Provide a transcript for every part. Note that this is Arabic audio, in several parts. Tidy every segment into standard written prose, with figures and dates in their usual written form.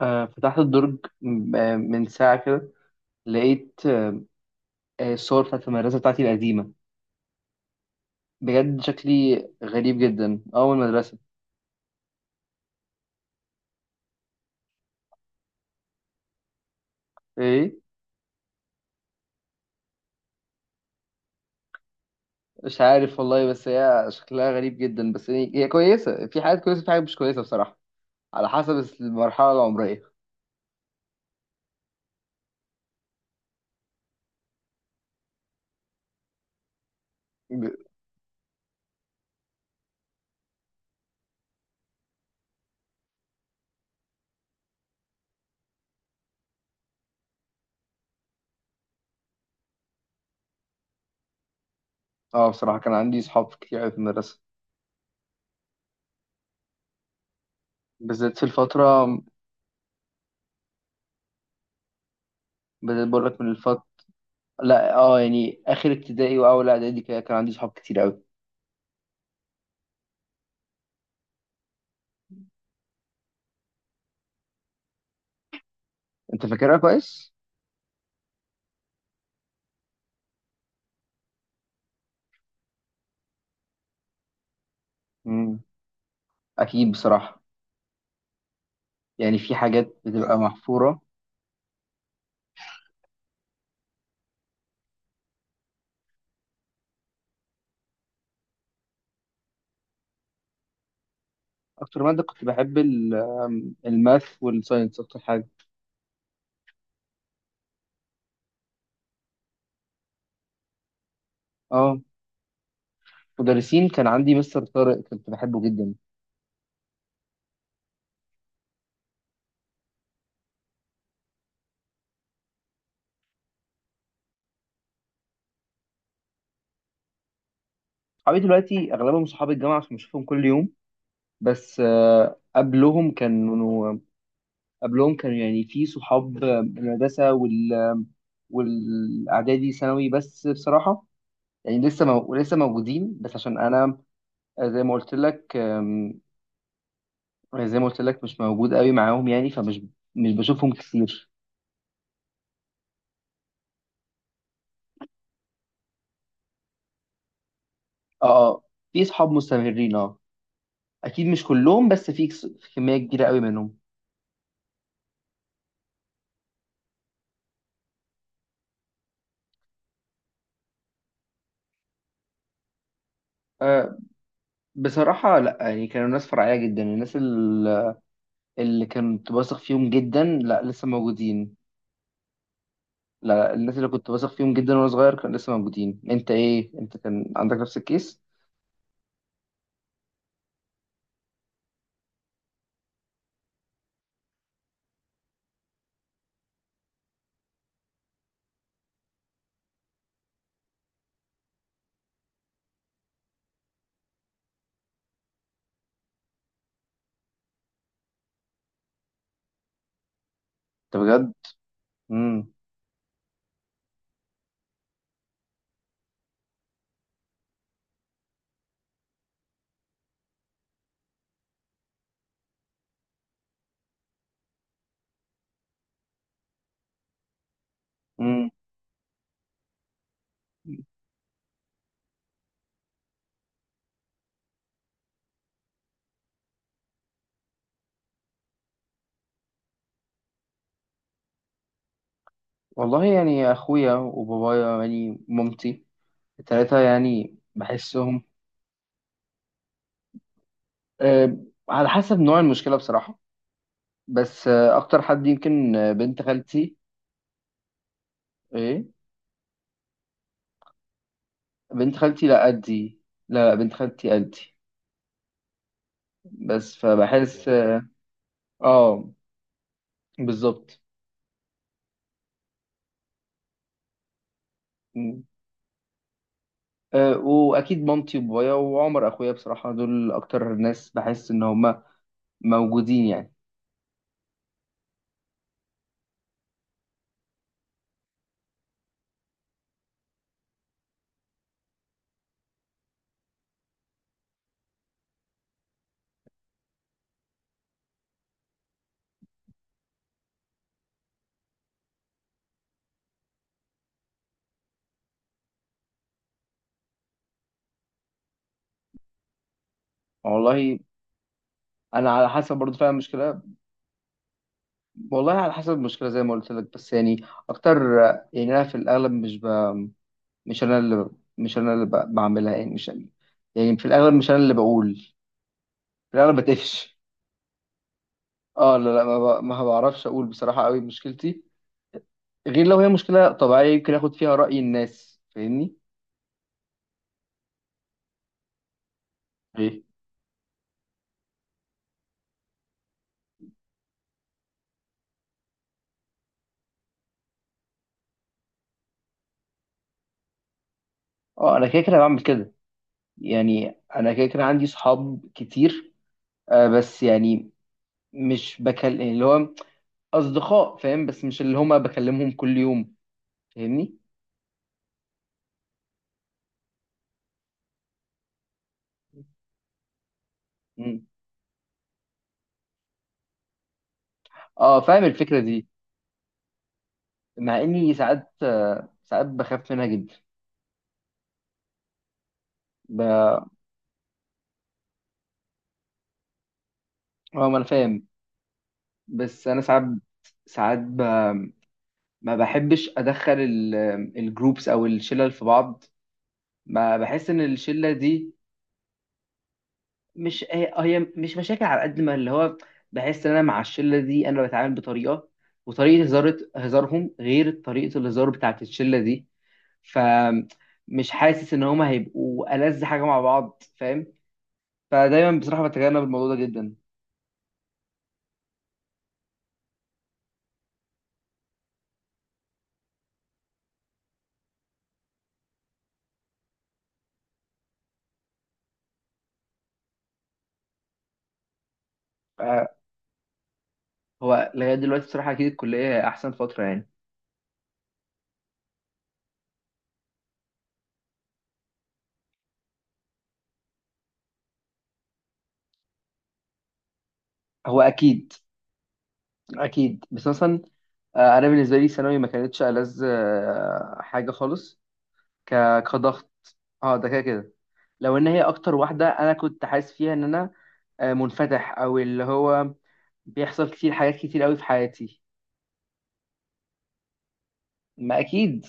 فتحت الدرج من ساعة كده، لقيت الصور بتاعت المدرسة بتاعتي القديمة. بجد شكلي غريب جدا، أول مدرسة. إيه، مش عارف والله، بس هي شكلها غريب جدا، بس هي كويسة، في حاجات كويسة في حاجات مش كويسة بصراحة، على حسب المرحلة العمرية. ب- اه، بصراحة كان عندي صحاب كتير أوي في المدرسة، بالذات في الفترة، بدأت بقول لك من الفترة. لا اه، يعني آخر ابتدائي وأول إعدادي كده كان عندي صحاب كتير أوي. أنت فاكرها كويس؟ مم. أكيد بصراحة، يعني في حاجات بتبقى محفورة. أكتر مادة كنت بحب ال- آم، الماث والساينس أكتر حاجة. اه، مدرسين كان عندي مستر طارق كنت بحبه جدا. صحابي دلوقتي أغلبهم صحاب الجامعة عشان بشوفهم كل يوم، بس قبلهم كانوا يعني في صحاب المدرسة والإعدادي ثانوي، بس بصراحة يعني لسه موجودين، بس عشان أنا آه، زي ما قلت لك آم، زي ما قلت لك مش موجود قوي معاهم، يعني فمش مش بشوفهم كتير. اه، في اصحاب مستمرين اه، اكيد مش كلهم، بس في كميه كبيره قوي منهم. آه بصراحه لا، يعني كانوا ناس فرعيه جدا، الناس اللي كنت واثق فيهم جدا لا لسه موجودين. لا، الناس اللي كنت واثق فيهم جدا وانا صغير كانوا لسه موجودين. انت ايه؟ انت كان عندك نفس الكيس؟ انت بجد؟ امم امم والله يعني اخويا وبابايا يعني مامتي، التلاتة يعني بحسهم. آه، على حسب نوع المشكله بصراحه، بس آه، اكتر حد يمكن آه، بنت خالتي. ايه، بنت خالتي لا قدي. لا لا، بنت خالتي قدي. بس فبحس اه، آه، بالظبط. م. آه، واكيد مامتي وبابايا وعمر اخويا بصراحه، دول اكتر ناس بحس ان هم موجودين يعني. والله انا على حسب برضه فاهم المشكله، والله على حسب المشكله زي ما قلت لك، بس يعني اكتر آه، يعني انا في الاغلب مش انا اللي مش انا اللي بعملها، يعني مش يعني، يعني في الاغلب مش انا اللي بقول، في الاغلب بتقفش. اه لا لا، ما بعرفش اقول بصراحة قوي مشكلتي، غير لو هي مشكلة طبيعية يمكن اخد فيها رأي الناس، فاهمني. ايه، اه انا كده كده بعمل كده، يعني انا كده كده عندي صحاب كتير، آه بس يعني مش بكلم اللي هو اصدقاء فاهم، بس مش اللي هما بكلمهم كل يوم، فاهمني. مم. اه، فاهم الفكرة دي، مع اني ساعات آه ساعات بخاف منها جدا. اه، ما انا فاهم، بس انا ساعات ما بحبش ادخل الجروبس او الشلل في بعض. ما بحس ان الشله دي، مش هي مش مشاكل، على قد ما اللي هو بحس ان انا مع الشله دي انا بتعامل بطريقه، وطريقه هزار هزارهم غير طريقه الهزار بتاعت الشله دي، فمش حاسس ان هما هيبقوا ألذ حاجه مع بعض فاهم. فدايما بصراحه بتجنب الموضوع ده جدا. آه، هو لغايه دلوقتي بصراحه اكيد الكليه هي احسن فتره يعني. هو اكيد، اكيد بس مثلا آه، انا بالنسبه لي ثانوي ما كانتش ألذ آه، حاجه خالص. كضغط، اه ده كده كده، لو ان هي اكتر واحده انا كنت حاسس فيها ان انا آه، منفتح او اللي هو بيحصل كتير حاجات كتير قوي في حياتي. ما اكيد،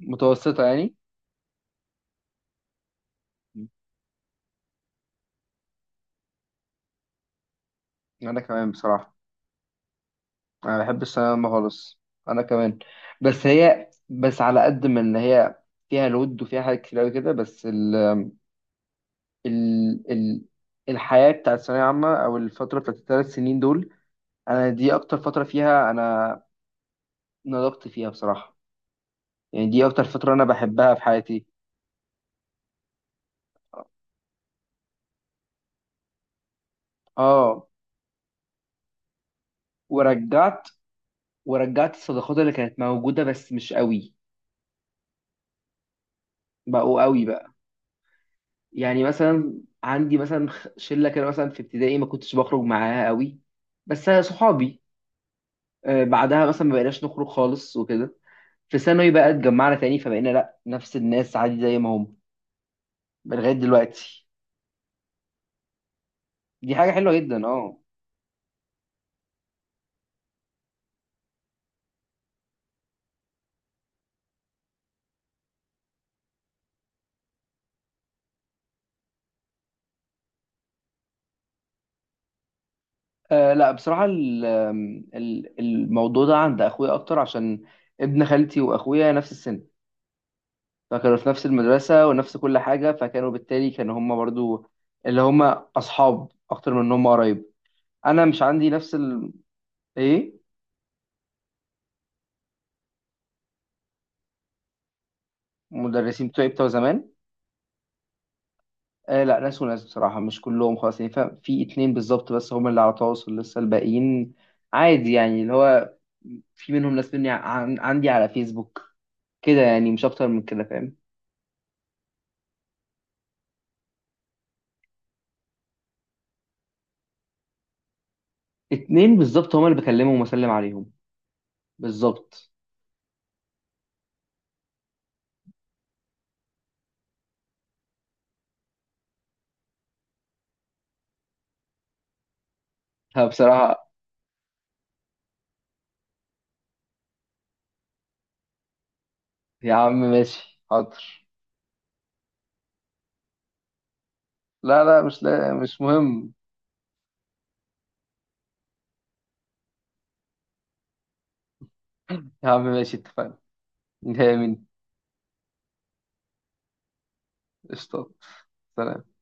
متوسطه يعني. انا كمان بصراحه، انا بحب الثانويه العامة خالص. انا كمان، بس على قد ما ان هي فيها لود وفيها حاجات كتير قوي كده، بس ال الحياة بتاعت الثانوية عامة أو الفترة بتاعت الـ3 سنين دول، أنا دي أكتر فترة فيها أنا نضجت فيها بصراحة، يعني دي أكتر فترة أنا بحبها في حياتي. آه، ورجعت ورجعت الصداقات اللي كانت موجودة بس مش قوي، بقوا قوي بقى، يعني مثلا عندي مثلا شلة كده مثلا في ابتدائي ما كنتش بخرج معاها قوي، بس صحابي آه، بعدها مثلا ما بقيناش نخرج خالص وكده. في ثانوي بقى اتجمعنا تاني فبقينا لا نفس الناس عادي زي ما هم لغاية دلوقتي. دي حاجة حلوة جدا اه. آه، لا بصراحة الموضوع ده عند أخويا أكتر، عشان ابن خالتي وأخويا نفس السن، فكانوا في نفس المدرسة ونفس كل حاجة، فكانوا بالتالي هما برضو اللي هما أصحاب أكتر من إن هما قرايب. أنا مش عندي نفس. إيه، المدرسين بتوعي بتوع زمان آه لا، ناس وناس بصراحة مش كلهم خلاص، يعني فاهم؟ في اتنين بالظبط بس هما اللي على تواصل، لسه الباقيين عادي يعني اللي هو في منهم ناس عندي على فيسبوك كده، يعني مش اكتر من كده فاهم. اتنين بالظبط هما اللي بكلمهم واسلم عليهم، بالظبط. ها، بصراحة. يا عم ماشي حاضر. لا لا، مش لا مش مهم. يا عم ماشي اتفقنا. نهاية مين؟ قشطة. سلام.